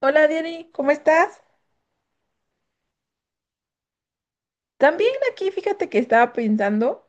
Hola Diary, ¿cómo estás? También aquí fíjate que estaba pensando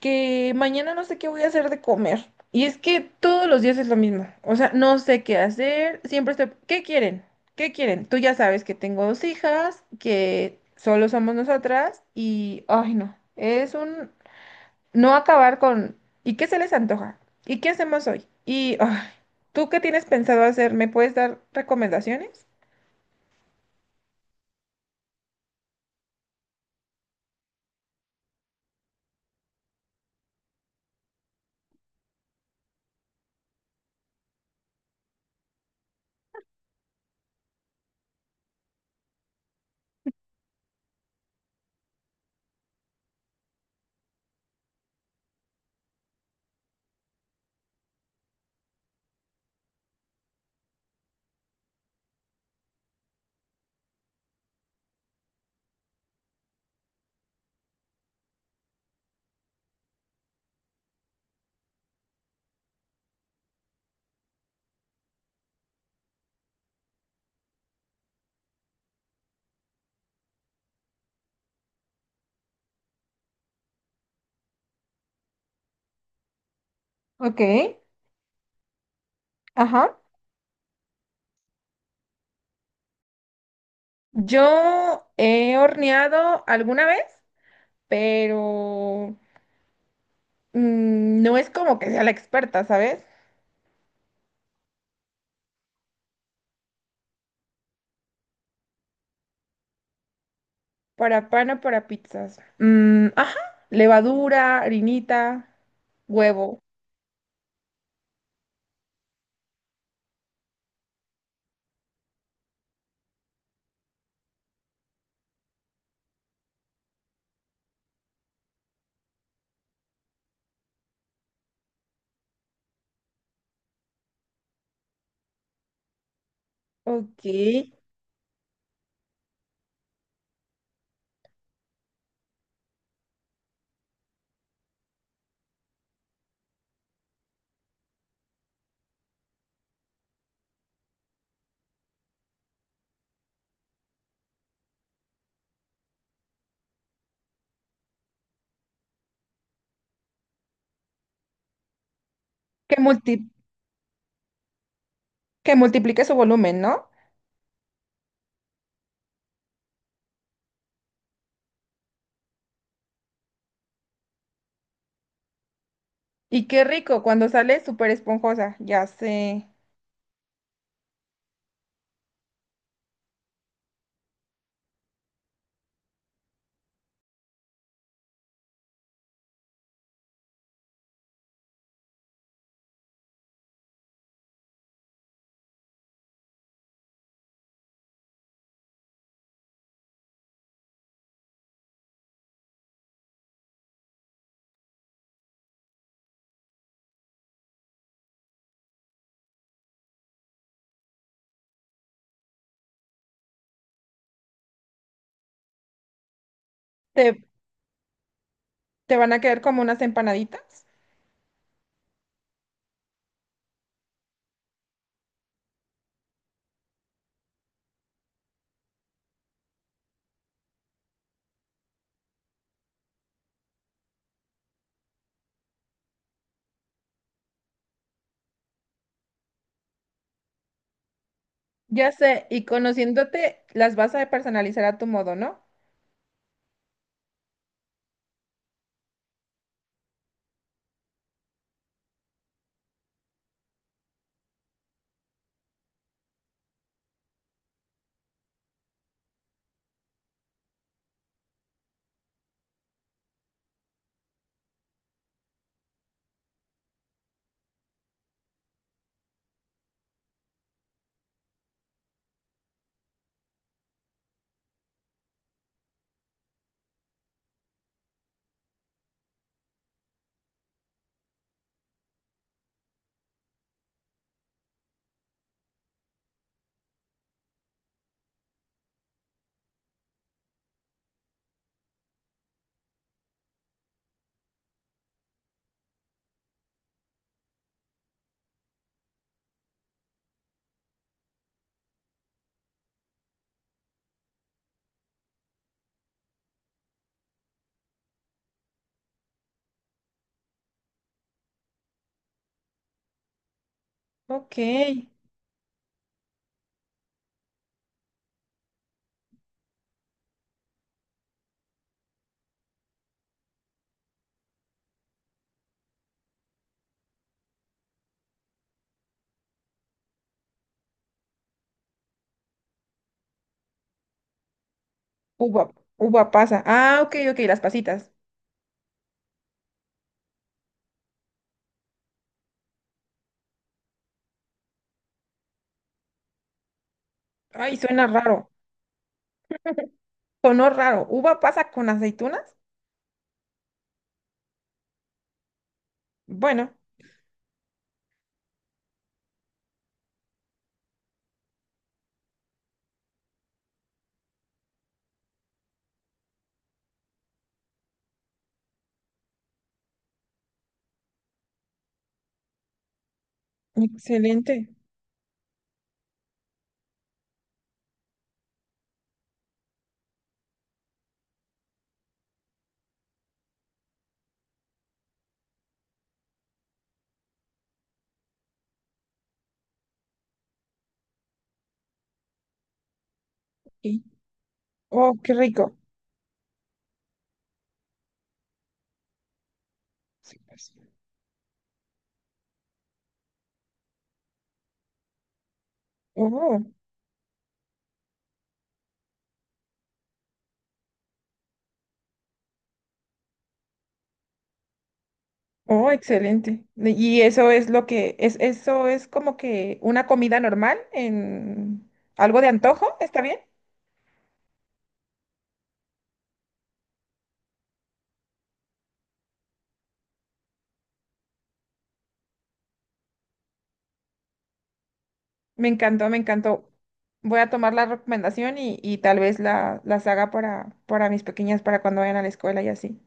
que mañana no sé qué voy a hacer de comer. Y es que todos los días es lo mismo. O sea, no sé qué hacer. Siempre estoy... ¿Qué quieren? ¿Qué quieren? Tú ya sabes que tengo dos hijas, que solo somos nosotras y... Ay, no. Es un... No acabar con... ¿Y qué se les antoja? ¿Y qué hacemos hoy? Y... ay, ¿tú qué tienes pensado hacer? ¿Me puedes dar recomendaciones? Ok. Ajá. Yo he horneado alguna vez, pero no es como que sea la experta, ¿sabes? Para pan o para pizzas. Mm, ajá, levadura, harinita, huevo. Ok. Multi- ¿Que multiplique su volumen, no? Y qué rico, cuando sale súper esponjosa, ya sé. ¿Te, te van a quedar como unas empanaditas? Ya sé, y conociéndote, las vas a personalizar a tu modo, ¿no? Ok. Uva, uva pasa. Ah, ok, ok, las pasitas. Ay, suena raro. Sonó raro. ¿Uva pasa con aceitunas? Bueno, excelente. Y... Oh, qué rico. Sí, pues. Oh. Oh, excelente. Y eso es lo que es, eso es como que una comida normal en algo de antojo, ¿está bien? Me encantó, me encantó. Voy a tomar la recomendación y tal vez la, las haga para mis pequeñas, para cuando vayan a la escuela y así.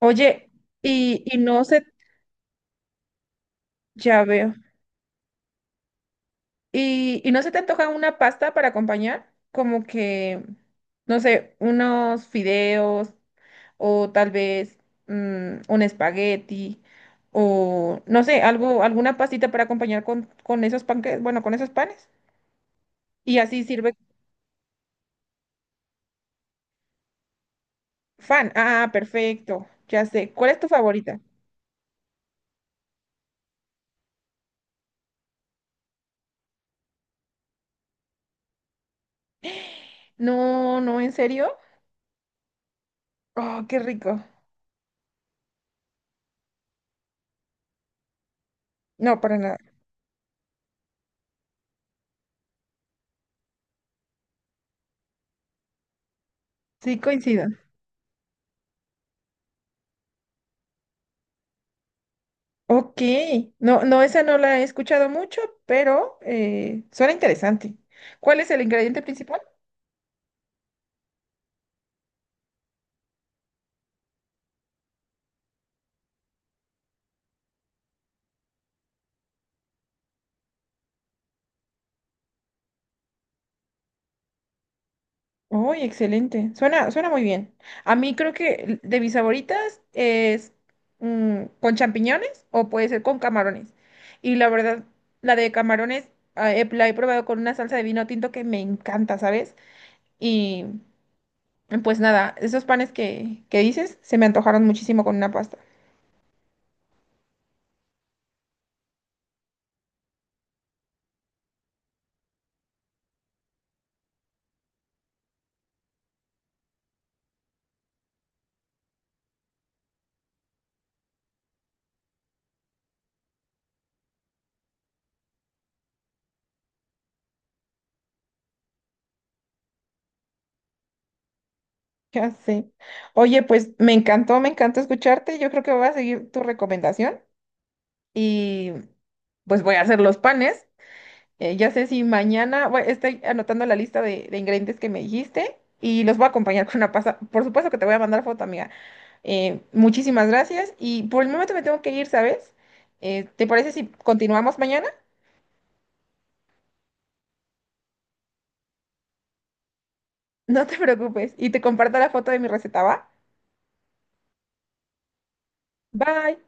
Oye, y no se, ya veo. Y no se te antoja una pasta para acompañar, como que, no sé, unos fideos, o tal vez un espagueti, o no sé, algo, alguna pastita para acompañar con esos panques, bueno, con esos panes. Y así sirve fan. Ah, perfecto, ya sé. ¿Cuál es tu favorita? No, no, ¿en serio? Oh, qué rico. No, para nada. Sí, coincido. Ok, no, no, esa no la he escuchado mucho, pero suena interesante. ¿Cuál es el ingrediente principal? Uy, excelente. Suena, suena muy bien. A mí creo que de mis favoritas es con champiñones o puede ser con camarones. Y la verdad, la de camarones ah, la he probado con una salsa de vino tinto que me encanta, ¿sabes? Y pues nada, esos panes que dices se me antojaron muchísimo con una pasta. Ya sé. Oye, pues me encantó escucharte. Yo creo que voy a seguir tu recomendación y pues voy a hacer los panes. Ya sé si mañana, bueno, estoy anotando la lista de ingredientes que me dijiste y los voy a acompañar con una pasta. Por supuesto que te voy a mandar foto, amiga. Muchísimas gracias y por el momento me tengo que ir, ¿sabes? ¿Te parece si continuamos mañana? No te preocupes y te comparto la foto de mi receta, ¿va? Bye.